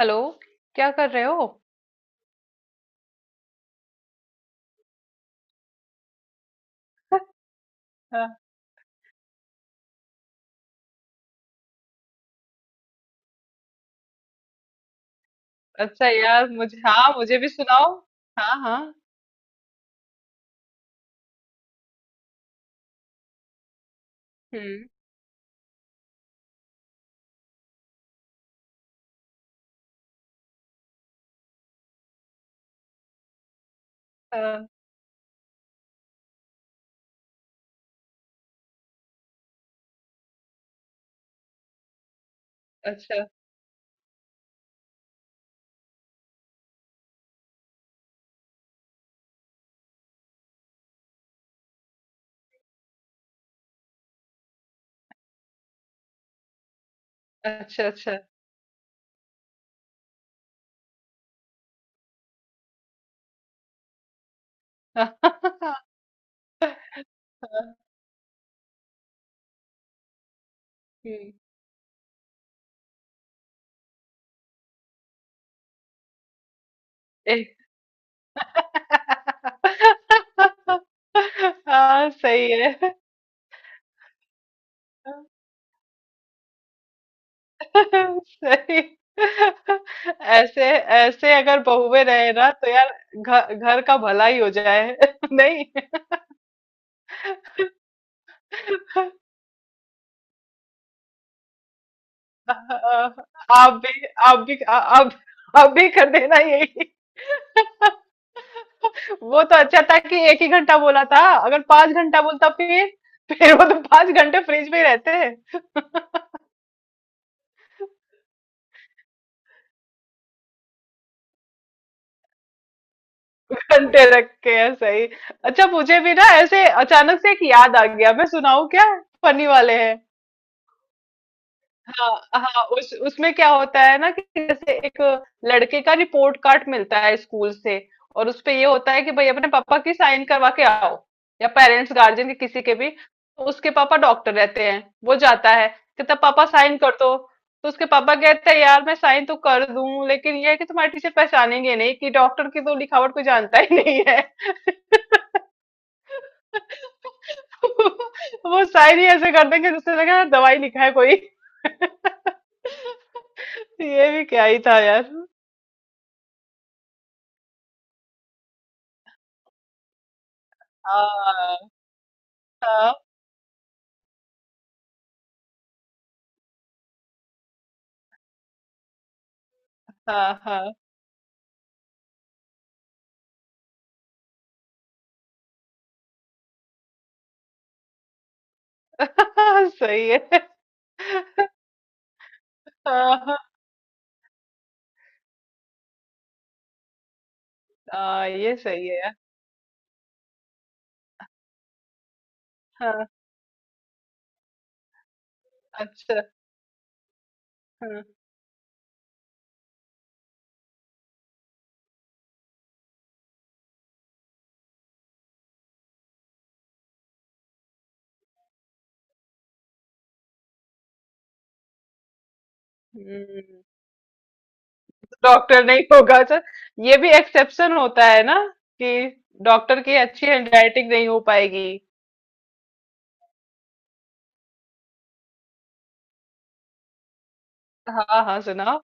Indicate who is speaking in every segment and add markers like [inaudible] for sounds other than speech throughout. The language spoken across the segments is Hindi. Speaker 1: हेलो। क्या कर रहे हो? हाँ। अच्छा यार मुझे, हाँ मुझे भी सुनाओ। हाँ हाँ। हम्म। हाँ। अच्छा अच्छा। अच्छा। [laughs] हम्म। एक। [laughs] हाँ सही है। [laughs] सही। ऐसे, ऐसे अगर बहुएं रहे ना तो यार घर घर का भला ही हो जाए। [laughs] नहीं। [laughs] आप भी, आप भी, आप भी कर देना यही। [laughs] वो तो अच्छा था कि एक ही घंटा बोला था। अगर पांच घंटा बोलता फिर वो तो पांच घंटे फ्रिज में ही रहते हैं। घंटे रख के है, सही। अच्छा मुझे भी ना ऐसे अचानक से एक याद आ गया, मैं सुनाऊं क्या? फनी वाले हैं। हाँ हाँ। उस उसमें क्या होता है ना कि जैसे एक लड़के का रिपोर्ट कार्ड मिलता है स्कूल से और उस पे ये होता है कि भाई अपने पापा की साइन करवा के आओ, या पेरेंट्स गार्जियन के किसी के भी। तो उसके पापा डॉक्टर रहते हैं, वो जाता है, कहता पापा साइन कर दो। तो उसके पापा कहते हैं यार मैं साइन तो कर दूं लेकिन ये है कि तुम्हारे टीचर पहचानेंगे नहीं कि डॉक्टर की तो लिखावट कोई जानता ही नहीं है। [laughs] वो साइन ही ऐसे कर देंगे जिससे लगेगा दवाई लिखा है कोई। [laughs] ये भी क्या ही था यार। हाँ हाँ हाँ हाँ। [laughs] सही है। हाँ हाँ हाँ, ये सही है यार। हाँ। अच्छा। हाँ। हम्म। डॉक्टर नहीं होगा, अच्छा। ये भी एक्सेप्शन होता है ना कि डॉक्टर की अच्छी हैंडराइटिंग नहीं हो पाएगी। हाँ हाँ सुनाओ।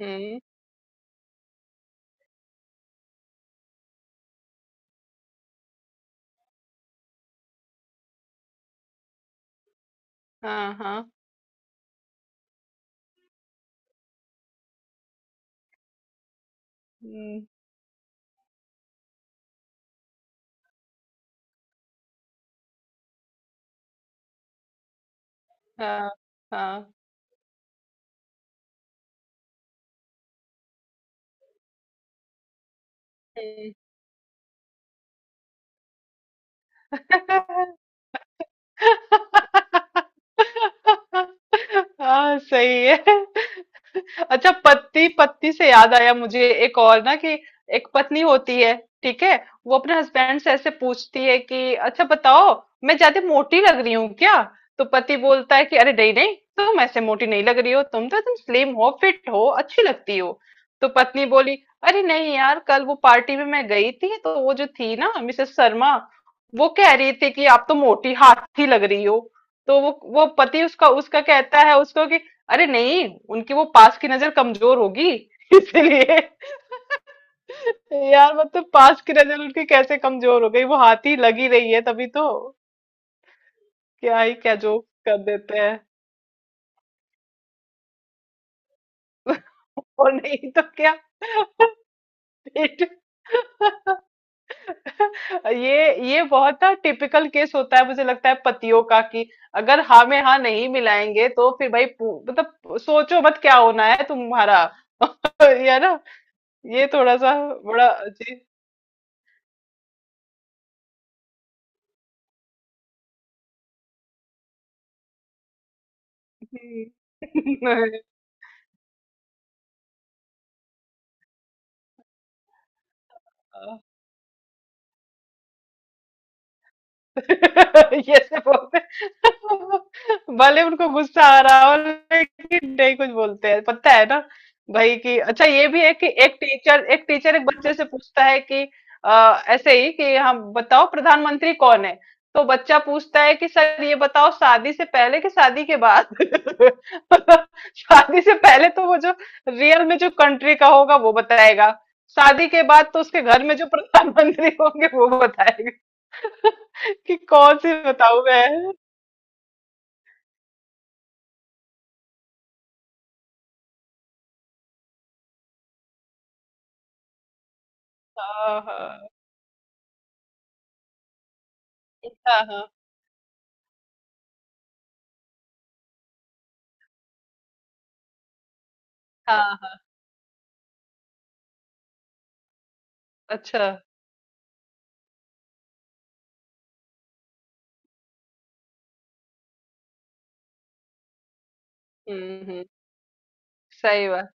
Speaker 1: हम्म। हाँ हाँ। हम्म। हाँ हाँ। हम्म। [laughs] हाँ सही है। अच्छा, पत्नी पत्नी से याद आया मुझे एक और ना कि एक पत्नी होती है, ठीक है, वो अपने हस्बैंड से ऐसे पूछती है कि अच्छा बताओ मैं ज्यादा मोटी लग रही हूँ क्या। तो पति बोलता है कि अरे नहीं नहीं तुम ऐसे मोटी नहीं लग रही हो, तुम तो एकदम स्लिम हो, फिट हो, अच्छी लगती हो। तो पत्नी बोली अरे नहीं यार कल वो पार्टी में मैं गई थी तो वो जो थी ना मिसेस शर्मा, वो कह रही थी कि आप तो मोटी हाथी लग रही हो। तो वो पति उसका उसका कहता है उसको कि अरे नहीं उनकी वो पास की नजर कमजोर होगी [laughs] इसलिए। [laughs] यार पास की नजर उनकी कैसे कमजोर हो गई? वो हाथी लगी रही है तभी तो। क्या ही क्या जोक कर देते हैं। [laughs] और नहीं तो क्या। [laughs] पीठ। [laughs] ये बहुत ना टिपिकल केस होता है मुझे लगता है पतियों का कि अगर हाँ में हाँ नहीं मिलाएंगे तो फिर भाई सोचो मत क्या होना है तुम्हारा। [laughs] ये ना, ये थोड़ा सा बड़ा अजीब। हम्म। [laughs] [laughs] ये से बोलते हैं। [laughs] भले उनको गुस्सा आ रहा हो लेकिन नहीं कुछ बोलते हैं, पता है ना भाई। कि अच्छा ये भी है कि एक टीचर, एक टीचर एक बच्चे से पूछता है कि ऐसे ही कि हम बताओ प्रधानमंत्री कौन है। तो बच्चा पूछता है कि सर ये बताओ शादी से पहले कि शादी के बाद? [laughs] शादी से पहले तो वो जो रियल में जो कंट्री का होगा वो बताएगा। शादी के बाद तो उसके घर में जो प्रधानमंत्री होंगे वो बताएगा। [laughs] कि कौन सी बताऊं मैं। हाँ हाँ हाँ हाँ हाँ, हाँ। अच्छा। हम्म। सही बात।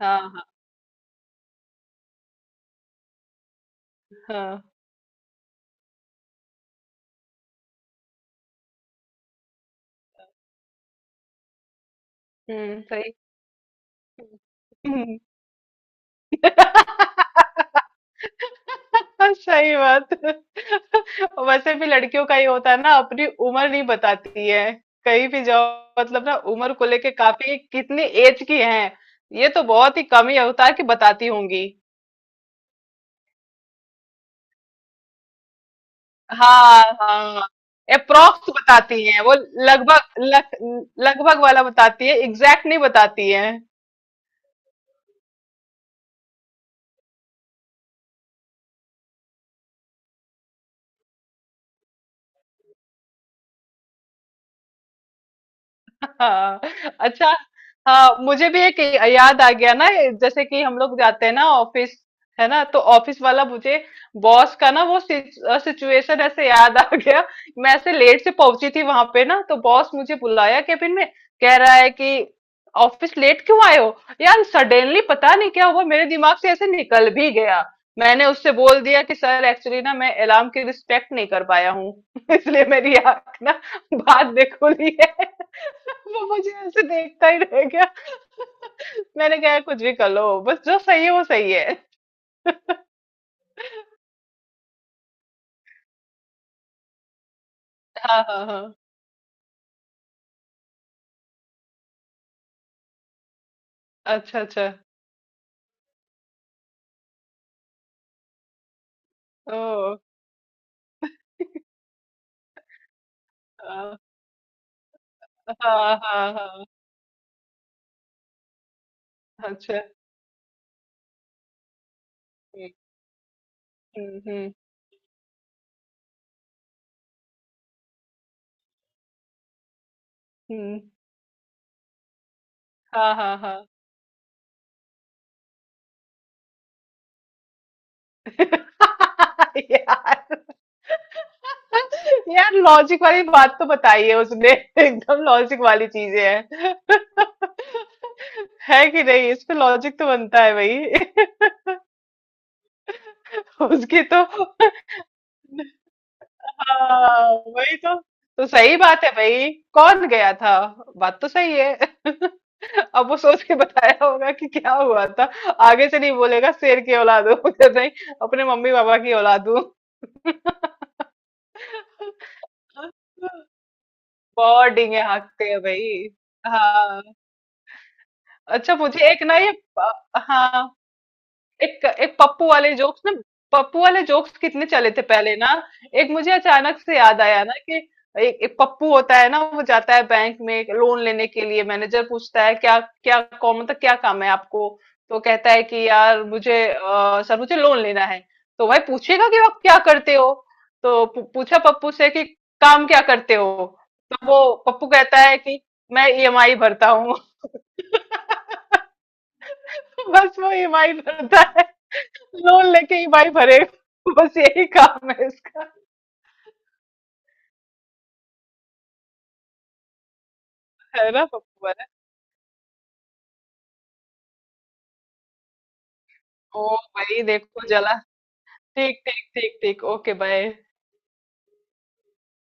Speaker 1: हाँ हाँ। हाँ। हम्म। सही। हम्म। [laughs] सही बात। वैसे भी लड़कियों का ही होता है ना, अपनी उम्र नहीं बताती है कहीं भी जाओ। मतलब ना उम्र को लेके काफी, कितनी एज की है, ये तो बहुत ही कम ही होता है कि बताती होंगी। हाँ हाँ। अप्रोक्स बताती हैं वो। लगभग लग, लगभग वाला बताती है, एग्जैक्ट नहीं बताती है। हाँ। अच्छा। हाँ मुझे भी एक याद आ गया ना। ये जैसे कि हम लोग जाते हैं ना ऑफिस, है ना, तो ऑफिस वाला मुझे बॉस का ना वो सिचुएशन ऐसे याद आ गया। मैं ऐसे लेट से पहुंची थी वहां पे ना तो बॉस मुझे बुलाया केबिन में, कह रहा है कि ऑफिस लेट क्यों आए हो। यार सडनली पता नहीं क्या हुआ, मेरे दिमाग से ऐसे निकल भी गया। मैंने उससे बोल दिया कि सर एक्चुअली ना मैं अलार्म की रिस्पेक्ट नहीं कर पाया हूँ। [laughs] इसलिए मेरी आंख ना बाद में खुली है। वो मुझे ऐसे देखता ही रह गया। मैंने कहा कुछ भी कर लो बस, जो सही है वो सही है। हाँ हाँ हाँ। अच्छा अच्छा। ओ। हाँ हाँ हाँ हाँ, अच्छा। हम्म। हम्म। हाँ हाँ हाँ। [laughs] यार। यार लॉजिक वाली बात तो बताई है उसने। [laughs] एकदम लॉजिक वाली चीजें हैं। [laughs] है कि नहीं, इस पे लॉजिक तो बनता है भाई। [laughs] उसकी तो। हाँ। वही तो। तो सही बात है भाई, कौन गया था? बात तो सही है। अब वो सोच के बताया होगा कि क्या हुआ था। आगे से नहीं बोलेगा शेर की औलाद हूँ। [laughs] नहीं, अपने मम्मी पापा की औलाद हूँ। बहुत डींगे हाँकते हैं भाई। हाँ। अच्छा मुझे एक ना ये। हाँ। एक एक पप्पू वाले जोक्स ना। पप्पू वाले जोक्स कितने चले थे पहले ना। एक मुझे अचानक से याद आया ना कि एक पप्पू होता है ना, वो जाता है बैंक में लोन लेने के लिए। मैनेजर पूछता है क्या, क्या कौन मतलब क्या काम है आपको। तो कहता है कि यार मुझे सर मुझे लोन लेना है। तो भाई पूछेगा कि आप क्या करते हो। तो पूछा पप्पू से कि काम क्या करते हो। तो वो पप्पू कहता है कि मैं EMI भरता हूँ। [laughs] बस वो EMI भरता है, लोन लेके ही भाई भरेगा बस, यही काम है इसका। है ना पप्पू है। ओ भाई देखो जला। ठीक ठीक ठीक ठीक, ओके बाय।